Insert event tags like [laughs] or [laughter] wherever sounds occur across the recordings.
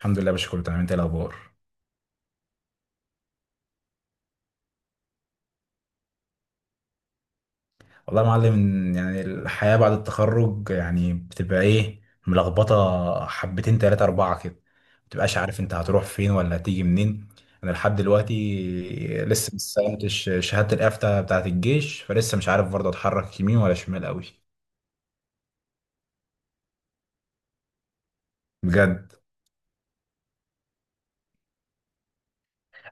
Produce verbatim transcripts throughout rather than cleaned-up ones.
الحمد لله يا باشا، كله تمام. انت ايه الاخبار؟ والله يا معلم، يعني الحياه بعد التخرج يعني بتبقى ايه. ملخبطه حبتين تلاتة اربعه كده، ما بتبقاش عارف انت هتروح فين ولا هتيجي منين. انا لحد دلوقتي لسه ما استلمتش شهاده الافتة بتاعه الجيش، فلسه مش عارف برضه اتحرك يمين ولا شمال قوي. بجد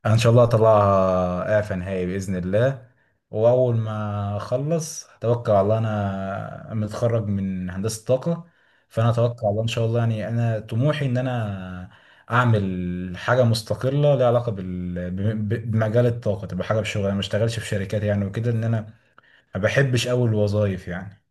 ان شاء الله اطلعها اعفى نهائي باذن الله. واول ما اخلص اتوقع الله انا متخرج من هندسه طاقه. فانا اتوقع الله ان شاء الله، يعني انا طموحي ان انا اعمل حاجه مستقله ليها علاقه بال... ب- بمجال الطاقه، تبقى حاجه بشغل انا، ما اشتغلش في شركات يعني، وكده ان انا ما بحبش اول الوظايف يعني.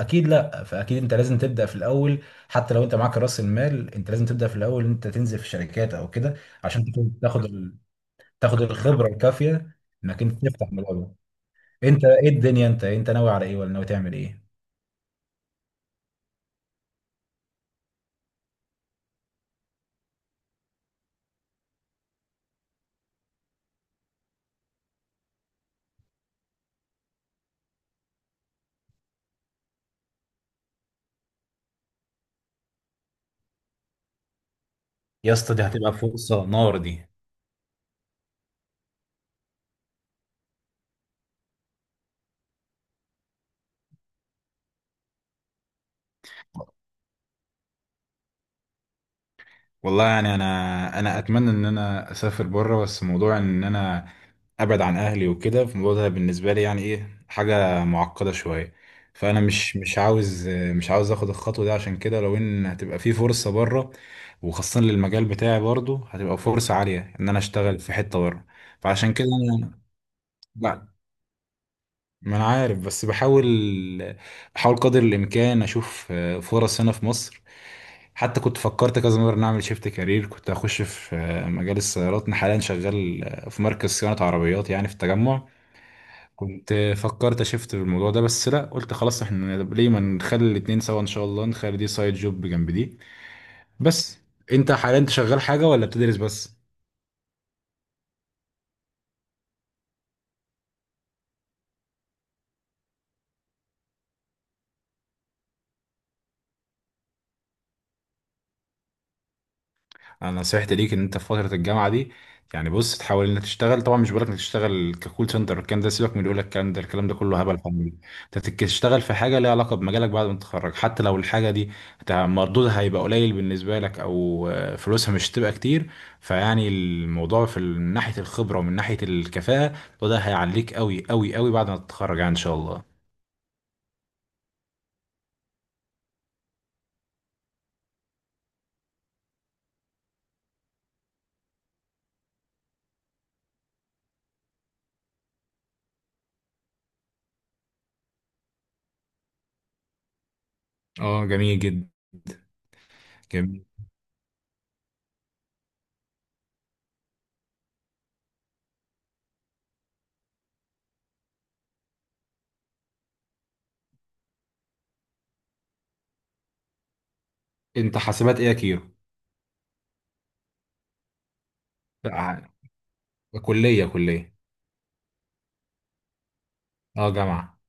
اكيد لا، فاكيد انت لازم تبدا في الاول. حتى لو انت معاك راس المال، انت لازم تبدا في الاول، انت تنزل في شركات او كده. عشان تاخد تاخد ال... تاخد الخبره الكافيه، انك انت تفتح ملعبه. انت ايه الدنيا، انت انت ناوي على ايه، ولا ناوي تعمل ايه؟ يا اسطى دي هتبقى فرصة نار دي. والله يعني انا انا اتمنى ان انا اسافر بره، بس موضوع ان انا ابعد عن اهلي وكده، في الموضوع ده بالنسبه لي يعني ايه حاجه معقده شويه. فانا مش مش عاوز مش عاوز اخد الخطوه دي. عشان كده لو ان هتبقى في فرصه بره، وخاصه للمجال بتاعي، برضو هتبقى فرصه عاليه ان انا اشتغل في حته بره، فعشان كده انا. ما انا عارف، بس بحاول. بحاول قدر الامكان اشوف آه، فرص هنا في مصر. حتى كنت فكرت كذا مره ان اعمل شيفت كارير، كنت اخش في آه، مجال السيارات. انا حاليا شغال آه، في مركز صيانه عربيات يعني في التجمع. كنت آه، فكرت اشفت بالموضوع ده، بس لا قلت خلاص احنا ليه ما نخلي الاتنين سوا، ان شاء الله نخلي دي سايد جوب جنب دي. بس انت حاليا انت شغال حاجه ولا بتدرس بس؟ انا نصيحتي ليك ان انت في فتره الجامعه دي، يعني بص، تحاول انك تشتغل. طبعا مش بقولك انك تشتغل ككول سنتر، الكلام ده سيبك من اللي يقول لك الكلام ده، الكلام ده كله هبل فاضي. انت تك- تشتغل في حاجه ليها علاقه بمجالك بعد ما تتخرج، حتى لو الحاجه دي هت- مردودها هيبقى قليل بالنسبه لك، او آه، فلوسها مش هتبقى كتير. فيعني الموضوع في ال- من ناحيه الخبره ومن ناحيه الكفاءه، وده هيعليك قوي قوي قوي بعد ما تتخرج يعني ان شاء الله. اه جميل جدا. جميل. انت حاسبات ايه يا كيرو؟ لا، كليه كليه. اه جامعه.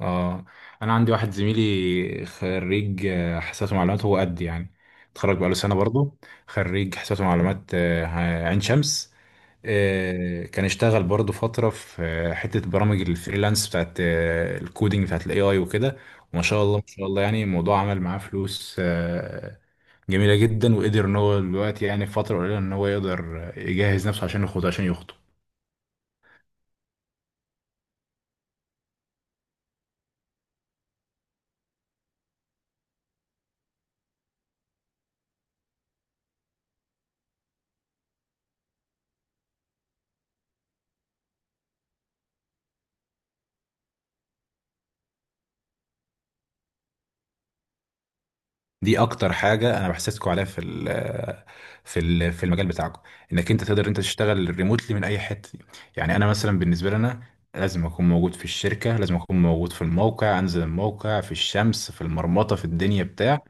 اه انا عندي واحد زميلي خريج آه، حاسبات ومعلومات، هو قد يعني اتخرج بقاله سنه برضه. خريج حاسبات ومعلومات آه، عين شمس. آه، كان اشتغل برضه فتره في آه، حته برامج الفريلانس بتاعت آه، الكودينج بتاعت الاي اي وكده. وما شاء الله ما شاء الله، يعني الموضوع عمل معاه فلوس آه، جميله جدا، وقدر ان هو دلوقتي يعني في فتره قليله ان هو يقدر آه، يجهز نفسه عشان يخوض، عشان يخطب. دي اكتر حاجه انا بحسسكم عليها في ال في ال في المجال بتاعكم، انك انت تقدر انت تشتغل ريموتلي من اي حته. يعني انا مثلا بالنسبه لنا لازم اكون موجود في الشركه، لازم اكون موجود في الموقع، انزل الموقع في الشمس في المرمطه في الدنيا بتاع.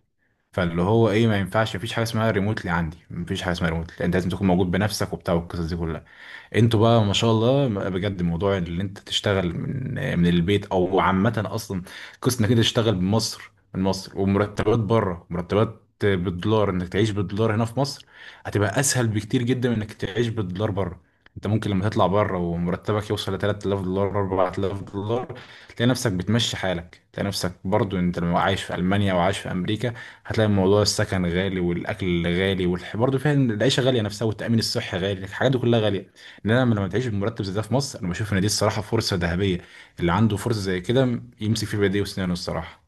فاللي هو ايه، ما ينفعش، مفيش حاجه اسمها ريموتلي عندي، مفيش حاجه اسمها ريموتلي، انت لازم تكون موجود بنفسك وبتاع والقصص دي كلها. انتوا بقى ما شاء الله بجد، موضوع اللي انت تشتغل من من البيت او عامه اصلا، قصة انك انت تشتغل بمصر، من مصر ومرتبات بره، مرتبات بالدولار، انك تعيش بالدولار هنا في مصر، هتبقى اسهل بكتير جدا من انك تعيش بالدولار بره. انت ممكن لما تطلع بره ومرتبك يوصل ل تلات الاف دولار اربعة الاف دولار، تلاقي نفسك بتمشي حالك. تلاقي نفسك برضو انت لو عايش في المانيا وعايش في امريكا، هتلاقي موضوع السكن غالي والاكل غالي والح... برضه فيها إن العيشه غاليه نفسها، والتامين الصحي غالي، الحاجات دي كلها غاليه. انما لما تعيش بمرتب زي ده في مصر، انا بشوف ان دي الصراحه فرصه ذهبيه. اللي عنده فرصه زي كده يمسك في بايديه وسنانه الصراحه.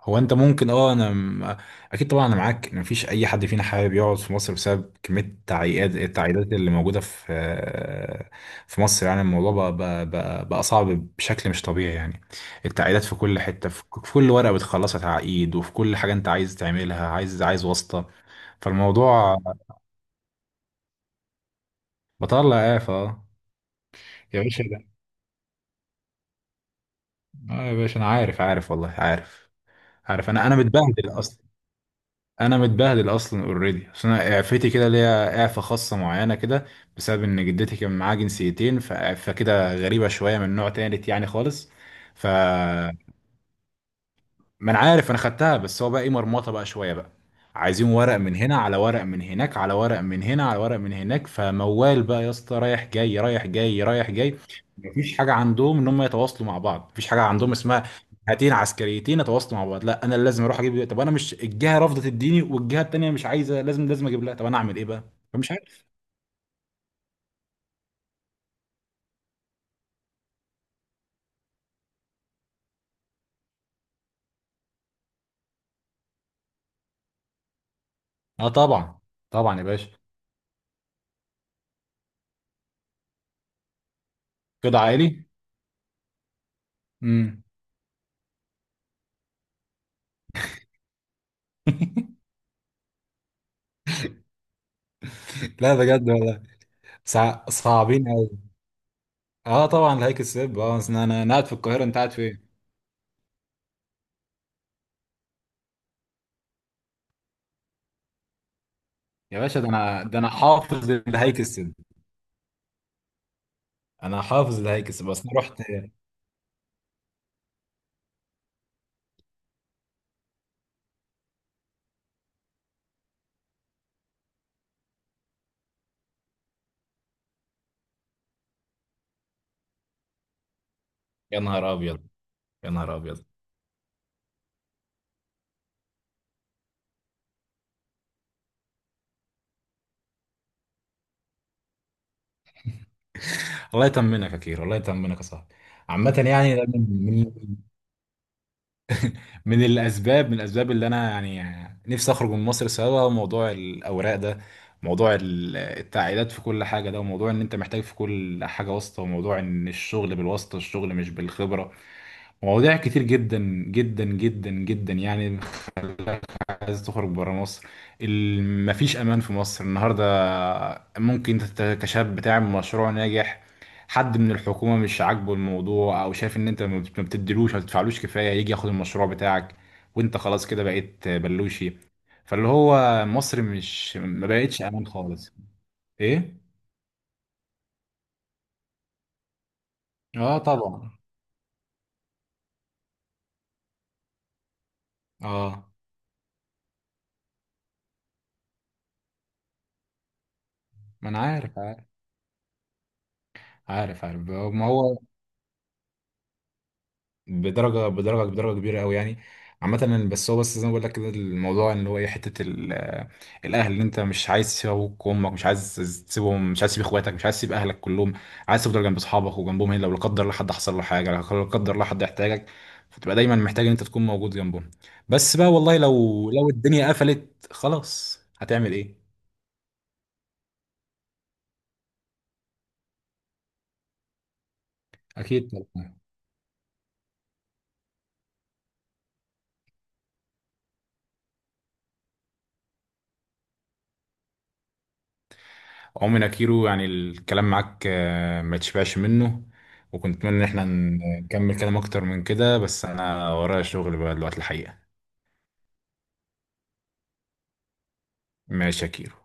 هو انت ممكن اه، انا م- اكيد طبعا انا معاك ان مفيش اي حد فينا حابب يقعد في مصر، بسبب كميه التعقيدات. التعقيدات اللي موجوده في في مصر، يعني الموضوع بقى بقى بقى, بقى صعب بشكل مش طبيعي يعني. التعقيدات في كل حته، في ك- في كل ورقه بتخلصها تعقيد، وفي كل حاجه انت عايز تعملها عايز عايز واسطه. فالموضوع بطلع اعفاء يا باشا. اه يا باشا انا عارف، عارف والله عارف عارف انا انا متبهدل اصلا. انا متبهدل اصلا اوريدي، اصل انا اعفتي كده ليا اعفه خاصه معينه كده، بسبب ان جدتي كان معاها جنسيتين، ف- فكده غريبه شويه، من نوع تالت يعني خالص. ف ما انا عارف انا خدتها، بس هو بقى ايه مرمطه بقى شويه بقى. عايزين ورق من هنا على ورق من هناك على ورق من هنا على ورق من هناك، فموال بقى يا اسطى، رايح جاي رايح جاي رايح جاي. مفيش حاجه عندهم ان هم يتواصلوا مع بعض، مفيش حاجه عندهم اسمها هاتين عسكريتين يتواصلوا مع بعض، لا انا اللي لازم اروح اجيب. طب انا مش الجهه رافضه تديني والجهه التانيه مش عايزه، لازم لازم اجيب لها، طب انا اعمل ايه بقى؟ فمش عارف. اه طبعا. طبعا يا باشا. كده عائلي. امم. [laughs] لا بجد والله. صع- صعبين. اه طبعا، الهيك السب، اه. أصل انا انا قاعد في القاهره، انت قاعد فين؟ يا باشا ده انا، ده انا حافظ الهيك السب. انا حافظ الهيك السب بس انا رحت. يا نهار ابيض. يا نهار ابيض. الله يطمنك يا كير، الله يطمنك يا صاحبي. عامة يعني ده من من من الاسباب، من الاسباب اللي انا يعني نفسي اخرج من مصر سوا، موضوع الاوراق ده، موضوع ال- التعقيدات في كل حاجة ده، وموضوع ان انت محتاج في كل حاجة واسطة، وموضوع ان الشغل بالواسطة، الشغل مش بالخبرة. مواضيع كتير جدا جدا جدا جدا يعني، خلاك عايز تخرج برا مصر. ال- مفيش امان في مصر النهارده. ممكن انت ت- كشاب بتعمل مشروع ناجح، حد من الحكومه مش عاجبه الموضوع، او شايف ان انت ما بت- ما بتديلوش ما بتدفعلوش كفايه، يجي ياخد المشروع بتاعك، وانت خلاص كده بقيت بلوشي. فاللي هو مصر مش، ما بقتش امان خالص. ايه. اه طبعا. اه ما انا عارف، عارف عارف عارف ما هو بدرجه بدرجه بدرجه كبيره قوي يعني. عامه بس هو، بس زي ما بقول لك كده، الموضوع اللي هو ايه، حته ال- الاهل اللي انت مش عايز تسيب ابوك وامك، مش عايز تسيبهم، مش عايز تسيب اخواتك، مش عايز تسيب اهلك كلهم، عايز تفضل جنب اصحابك وجنبهم هنا. لو لا قدر الله حد حصل له حاجه، لو لا قدر الله حد يحتاجك، فتبقى دايما محتاج ان انت تكون موجود جنبهم. بس بقى والله لو لو الدنيا قفلت خلاص هتعمل ايه. اكيد. عمرو نكيرو يعني الكلام معاك آه، ما تشبعش منه. وكنت اتمنى ان احنا نكمل كلام اكتر من كده، بس انا ورايا شغل بقى دلوقتي الحقيقة. ماشي يا كيرو.